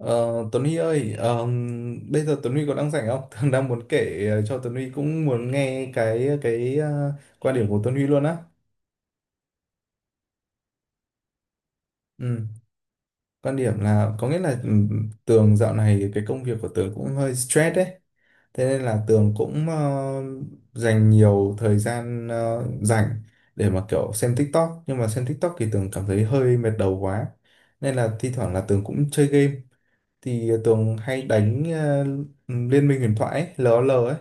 Ờ, Tuấn Huy ơi, bây giờ Tuấn Huy có đang rảnh không? Thường đang muốn kể cho Tuấn Huy cũng muốn nghe cái quan điểm của Tuấn Huy luôn á. Ừ. Quan điểm là có nghĩa là Tường dạo này cái công việc của Tường cũng hơi stress đấy. Thế nên là Tường cũng dành nhiều thời gian rảnh để mà kiểu xem TikTok. Nhưng mà xem TikTok thì Tường cảm thấy hơi mệt đầu quá. Nên là thi thoảng là Tường cũng chơi game. Thì Tường hay đánh Liên minh huyền thoại ấy, LOL ấy.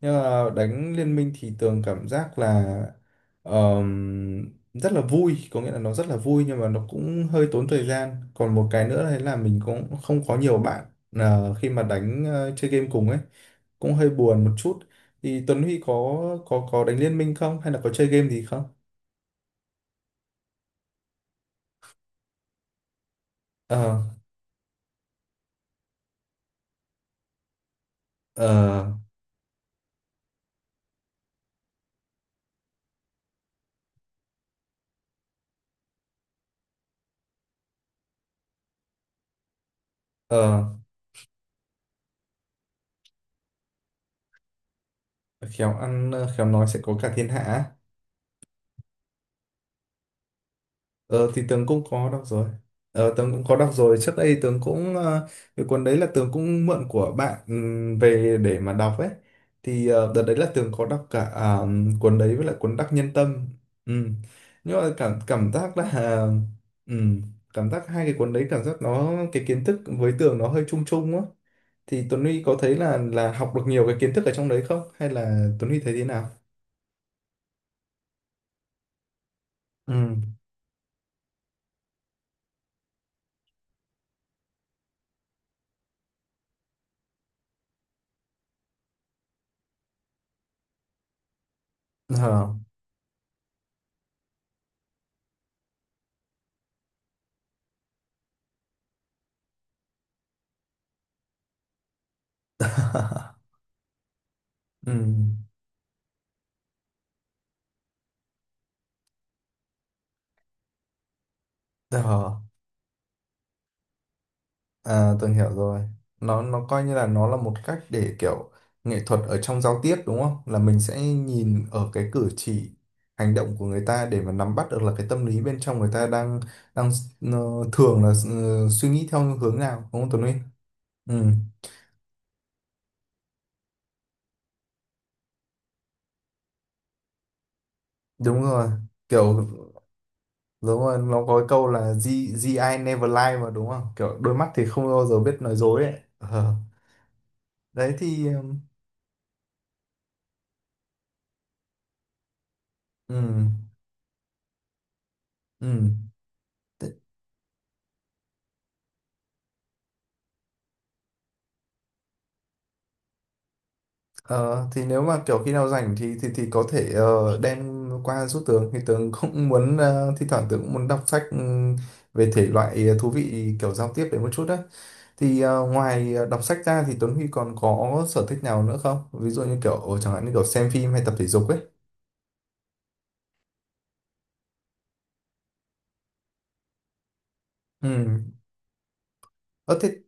Nhưng mà đánh Liên minh thì Tường cảm giác là rất là vui, có nghĩa là nó rất là vui nhưng mà nó cũng hơi tốn thời gian. Còn một cái nữa đấy là mình cũng không có nhiều bạn khi mà đánh chơi game cùng ấy, cũng hơi buồn một chút. Thì Tuấn Huy có có đánh Liên minh không hay là có chơi game gì không? Ờ ờ ờ khéo ăn khéo nói sẽ có cả thiên hạ. Á. Ờ thì Tường cũng có đọc rồi. Ờ Tường cũng có đọc rồi. Trước đây Tường cũng cái cuốn đấy là Tường cũng mượn của bạn về để mà đọc ấy. Thì đợt đấy là Tường có đọc cả cuốn đấy với lại cuốn Đắc Nhân Tâm. Ừm. Nhưng mà cảm cảm giác là ừm, cảm giác hai cái cuốn đấy cảm giác nó cái kiến thức với Tường nó hơi chung chung á. Thì Tuấn Huy có thấy là học được nhiều cái kiến thức ở trong đấy không? Hay là Tuấn Huy thấy thế nào? Ừ. Ờ. Ừ. Ờ. À, tôi hiểu rồi. Nó coi như là nó là một cách để kiểu nghệ thuật ở trong giao tiếp đúng không? Là mình sẽ nhìn ở cái cử chỉ, hành động của người ta để mà nắm bắt được là cái tâm lý bên trong người ta đang đang ờ, thường là suy nghĩ theo hướng nào đúng không Tuấn Linh? Ừ, đúng rồi. Kiểu đúng rồi, nó có cái câu là G, GI ai never lie mà đúng không? Kiểu đôi mắt thì không bao giờ biết nói dối ấy. Ờ. Đấy thì ừm, ừm. Ờ, thì nếu mà kiểu khi nào rảnh thì có thể đem qua giúp Tường thì Tường cũng muốn thi thoảng Tường cũng muốn đọc sách về thể loại thú vị kiểu giao tiếp đấy một chút đấy thì ngoài đọc sách ra thì Tuấn Huy còn có sở thích nào nữa không, ví dụ như kiểu chẳng hạn như kiểu xem phim hay tập thể dục ấy. Ừ. Ờ, thế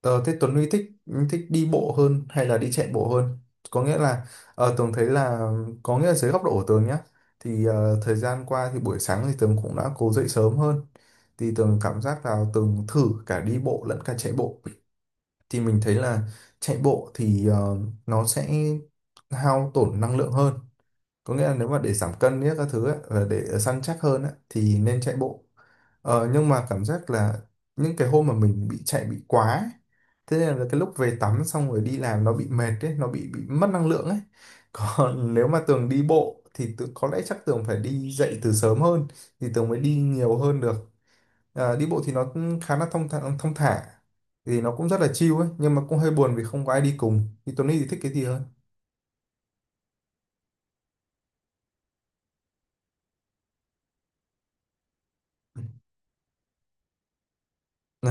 Ờ, thế Tuấn Huy thích thích đi bộ hơn hay là đi chạy bộ hơn? Có nghĩa là Tường thấy là có nghĩa là dưới góc độ của Tường nhá thì thời gian qua thì buổi sáng thì Tường cũng đã cố dậy sớm hơn thì Tường cảm giác là Tường thử cả đi bộ lẫn cả chạy bộ thì mình thấy là chạy bộ thì nó sẽ hao tổn năng lượng hơn, có nghĩa là nếu mà để giảm cân nhất các thứ ấy, và để săn chắc hơn ấy, thì nên chạy bộ. Nhưng mà cảm giác là những cái hôm mà mình bị chạy bị quá ấy, thế nên là cái lúc về tắm xong rồi đi làm nó bị mệt ấy nó bị mất năng lượng ấy. Còn nếu mà Tường đi bộ thì tự, có lẽ chắc Tường phải đi dậy từ sớm hơn thì Tường mới đi nhiều hơn được. Ờ, đi bộ thì nó cũng khá là thông thả thì nó cũng rất là chill ấy nhưng mà cũng hơi buồn vì không có ai đi cùng. Thì Tuấn Huy thì thích cái gì hơn? Ờ,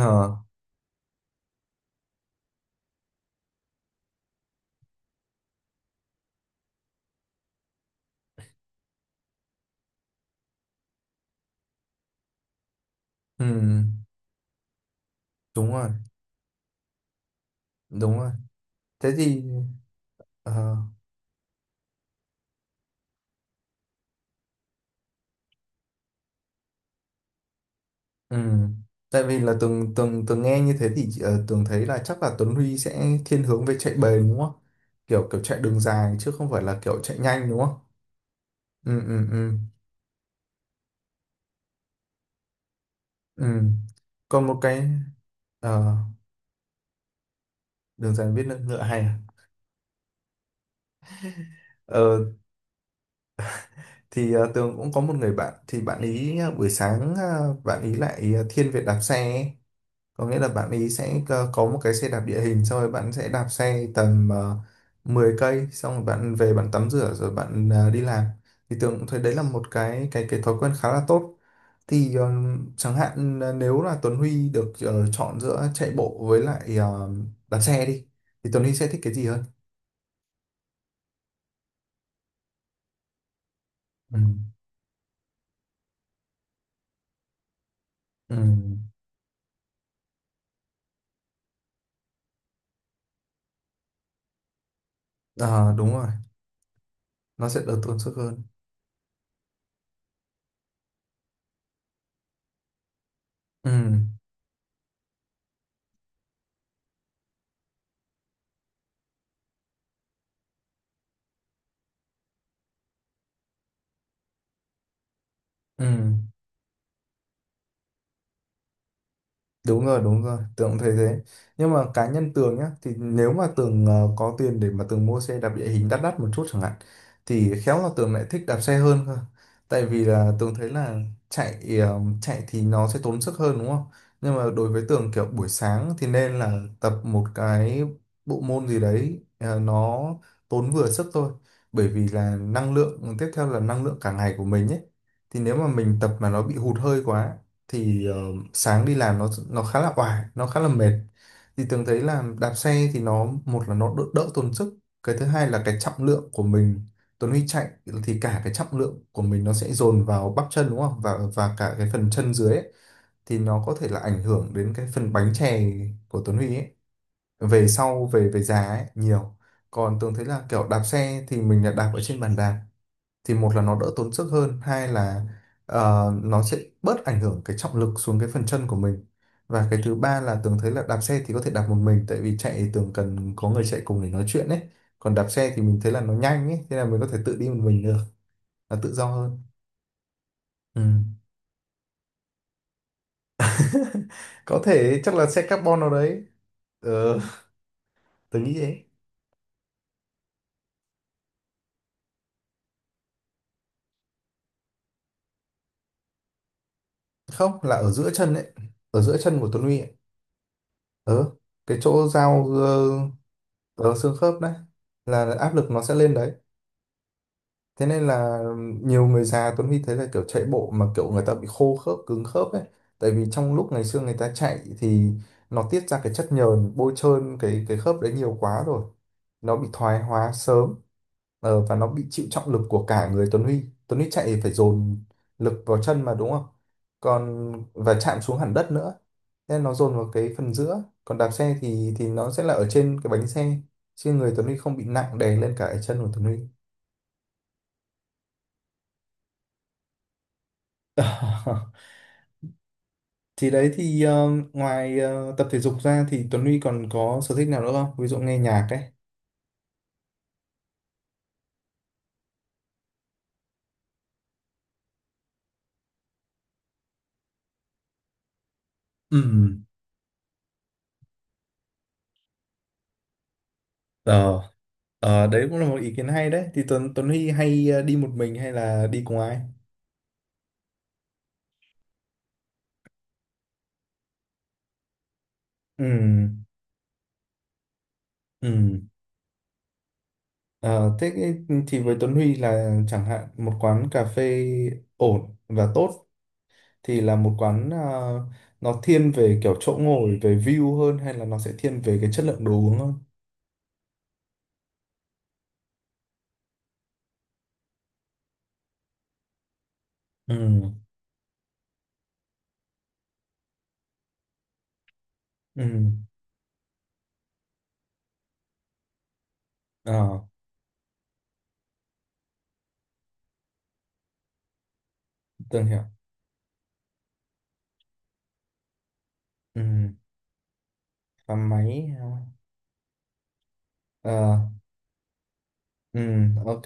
ừ, đúng rồi đúng rồi thế thì ờ, ừ. Tại vì là tường tường tường nghe như thế thì tường thấy là chắc là Tuấn Huy sẽ thiên hướng về chạy bền đúng không, kiểu kiểu chạy đường dài chứ không phải là kiểu chạy nhanh đúng không? ừ ừ ừ ừ Còn một cái ờ, đường dài biết nước ngựa hay à? Ờ, thì tường cũng có một người bạn thì bạn ý buổi sáng bạn ý lại thiên về đạp xe ấy. Có nghĩa là bạn ấy sẽ cơ- có một cái xe đạp địa hình xong rồi bạn sẽ đạp xe tầm 10 cây xong rồi bạn về bạn tắm rửa rồi bạn đi làm. Thì Tường cũng thấy đấy là một cái cái thói quen khá là tốt. Thì chẳng hạn là nếu là Tuấn Huy được chọn giữa chạy bộ với lại đạp xe đi thì Tuấn Huy sẽ thích cái gì hơn? Ừ. Ừ. Ờ, đúng rồi, nó sẽ đỡ tốn sức hơn. Ừ. Ừ. Đúng rồi, Tường cũng thấy thế. Nhưng mà cá nhân Tường nhá, thì nếu mà Tường có tiền để mà Tường mua xe đạp địa hình đắt đắt một chút chẳng hạn, thì khéo là Tường lại thích đạp xe hơn cơ. Tại vì là Tường thấy là chạy chạy thì nó sẽ tốn sức hơn đúng không? Nhưng mà đối với Tường kiểu buổi sáng thì nên là tập một cái bộ môn gì đấy nó tốn vừa sức thôi. Bởi vì là năng lượng, tiếp theo là năng lượng cả ngày của mình ấy. Thì nếu mà mình tập mà nó bị hụt hơi quá thì sáng đi làm nó khá là oải, nó khá là mệt. Thì Tường thấy là đạp xe thì nó một là nó đỡ, đỡ tốn sức, cái thứ hai là cái trọng lượng của mình. Tuấn Huy chạy thì cả cái trọng lượng của mình nó sẽ dồn vào bắp chân đúng không, và cả cái phần chân dưới ấy, thì nó có thể là ảnh hưởng đến cái phần bánh chè của Tuấn Huy ấy, về sau về về già ấy nhiều. Còn Tường thấy là kiểu đạp xe thì mình là đạp ở trên bàn đạp thì một là nó đỡ tốn sức hơn, hai là nó sẽ bớt ảnh hưởng cái trọng lực xuống cái phần chân của mình. Và cái thứ ba là Tường thấy là đạp xe thì có thể đạp một mình, tại vì chạy thì Tường cần có người chạy cùng để nói chuyện ấy, còn đạp xe thì mình thấy là nó nhanh ấy thế là mình có thể tự đi một mình được, là tự do hơn. Ừ. Có thể chắc là xe carbon nào đấy. ờ, Tường nghĩ thế. Không, là ở giữa chân ấy, ở giữa chân của Tuấn Huy ấy. Ờ, cái chỗ giao xương khớp đấy, là áp lực nó sẽ lên đấy. Thế nên là nhiều người già Tuấn Huy thấy là kiểu chạy bộ mà kiểu người ta bị khô khớp, cứng khớp ấy. Tại vì trong lúc ngày xưa người ta chạy thì nó tiết ra cái chất nhờn bôi trơn cái khớp đấy nhiều quá rồi. Nó bị thoái hóa sớm. Và nó bị chịu trọng lực của cả người Tuấn Huy. Tuấn Huy chạy phải dồn lực vào chân mà đúng không? Còn và chạm xuống hẳn đất nữa. Thế nó dồn vào cái phần giữa. Còn đạp xe thì nó sẽ là ở trên cái bánh xe. Chứ người Tuấn Huy không bị nặng đè lên cả cái chân của Tuấn Huy. Thì đấy thì ngoài tập thể dục ra thì Tuấn Huy còn có sở thích nào nữa không? Ví dụ nghe nhạc ấy. Ừ, ờ, Ờ, đấy cũng là một ý kiến hay đấy. Thì Tuấn Tuấn Huy hay đi một mình hay là đi cùng ai? Ừ. Ừ, Ờ, thế cái- thì với Tuấn Huy là chẳng hạn một quán cà phê ổn và tốt thì là một quán nó thiên về kiểu chỗ ngồi, về view hơn hay là nó sẽ thiên về cái chất lượng đồ uống hơn? Ừ. Ừ. Ờ, Tường hiểu. Ừ. Và máy. Ờ, Ờ, ừ, ok.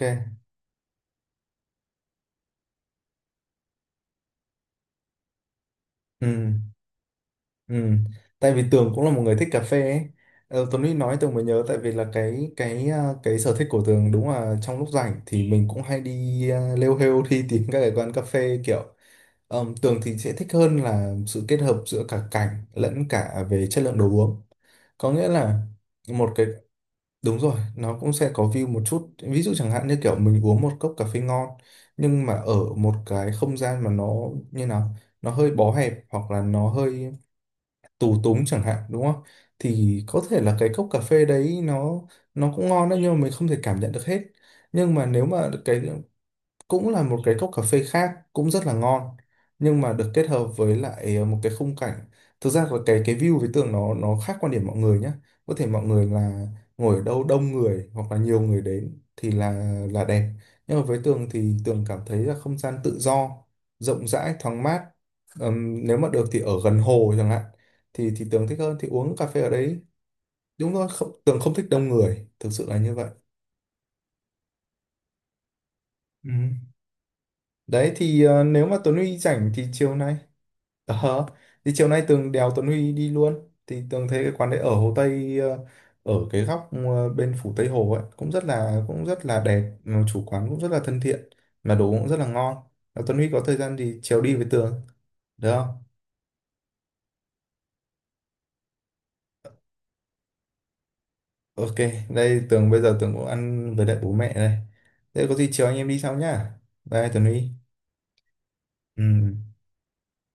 Ừ, ừ. Tại vì Tường cũng là một người thích cà phê ấy. Ờ, Tuấn Huy nói Tường mới nhớ tại vì là cái cái sở thích của Tường đúng là trong lúc rảnh thì mình cũng hay đi lêu hêu đi tìm các cái quán cà phê kiểu Tường thì sẽ thích hơn là sự kết hợp giữa cả cảnh lẫn cả về chất lượng đồ uống. Có nghĩa là một cái Đúng rồi, nó cũng sẽ có view một chút. Ví dụ chẳng hạn như kiểu mình uống một cốc cà phê ngon nhưng mà ở một cái không gian mà nó như nào, nó hơi bó hẹp hoặc là nó hơi tù túng chẳng hạn đúng không? Thì có thể là cái cốc cà phê đấy nó cũng ngon đấy nhưng mà mình không thể cảm nhận được hết. Nhưng mà nếu mà cái cũng là một cái cốc cà phê khác cũng rất là ngon nhưng mà được kết hợp với lại một cái khung cảnh thực ra là cái view với tường nó khác quan điểm mọi người nhé. Có thể mọi người là ngồi ở đâu đông người hoặc là nhiều người đến thì là đẹp, nhưng mà với tường thì tường cảm thấy là không gian tự do, rộng rãi, thoáng mát. Nếu mà được thì ở gần hồ chẳng hạn thì tường thích hơn thì uống cà phê ở đấy. Đúng rồi, không, tường không thích đông người, thực sự là như vậy. Ừ. Đấy thì nếu mà Tuấn Huy rảnh thì chiều nay Ờ, thì chiều nay Tường đèo Tuấn Huy đi luôn, thì Tường thấy cái quán đấy ở Hồ Tây, ở cái góc bên phủ Tây Hồ ấy cũng rất là đẹp. Ừ, chủ quán cũng rất là thân thiện mà đồ cũng rất là ngon. Nếu Tuấn Huy có thời gian thì chiều đi với Tường được không? Ok, đây Tường bây giờ Tường cũng ăn với lại bố mẹ đây, thế có gì chiều anh em đi sau nhá. Bye Tuấn Huy. Ừ.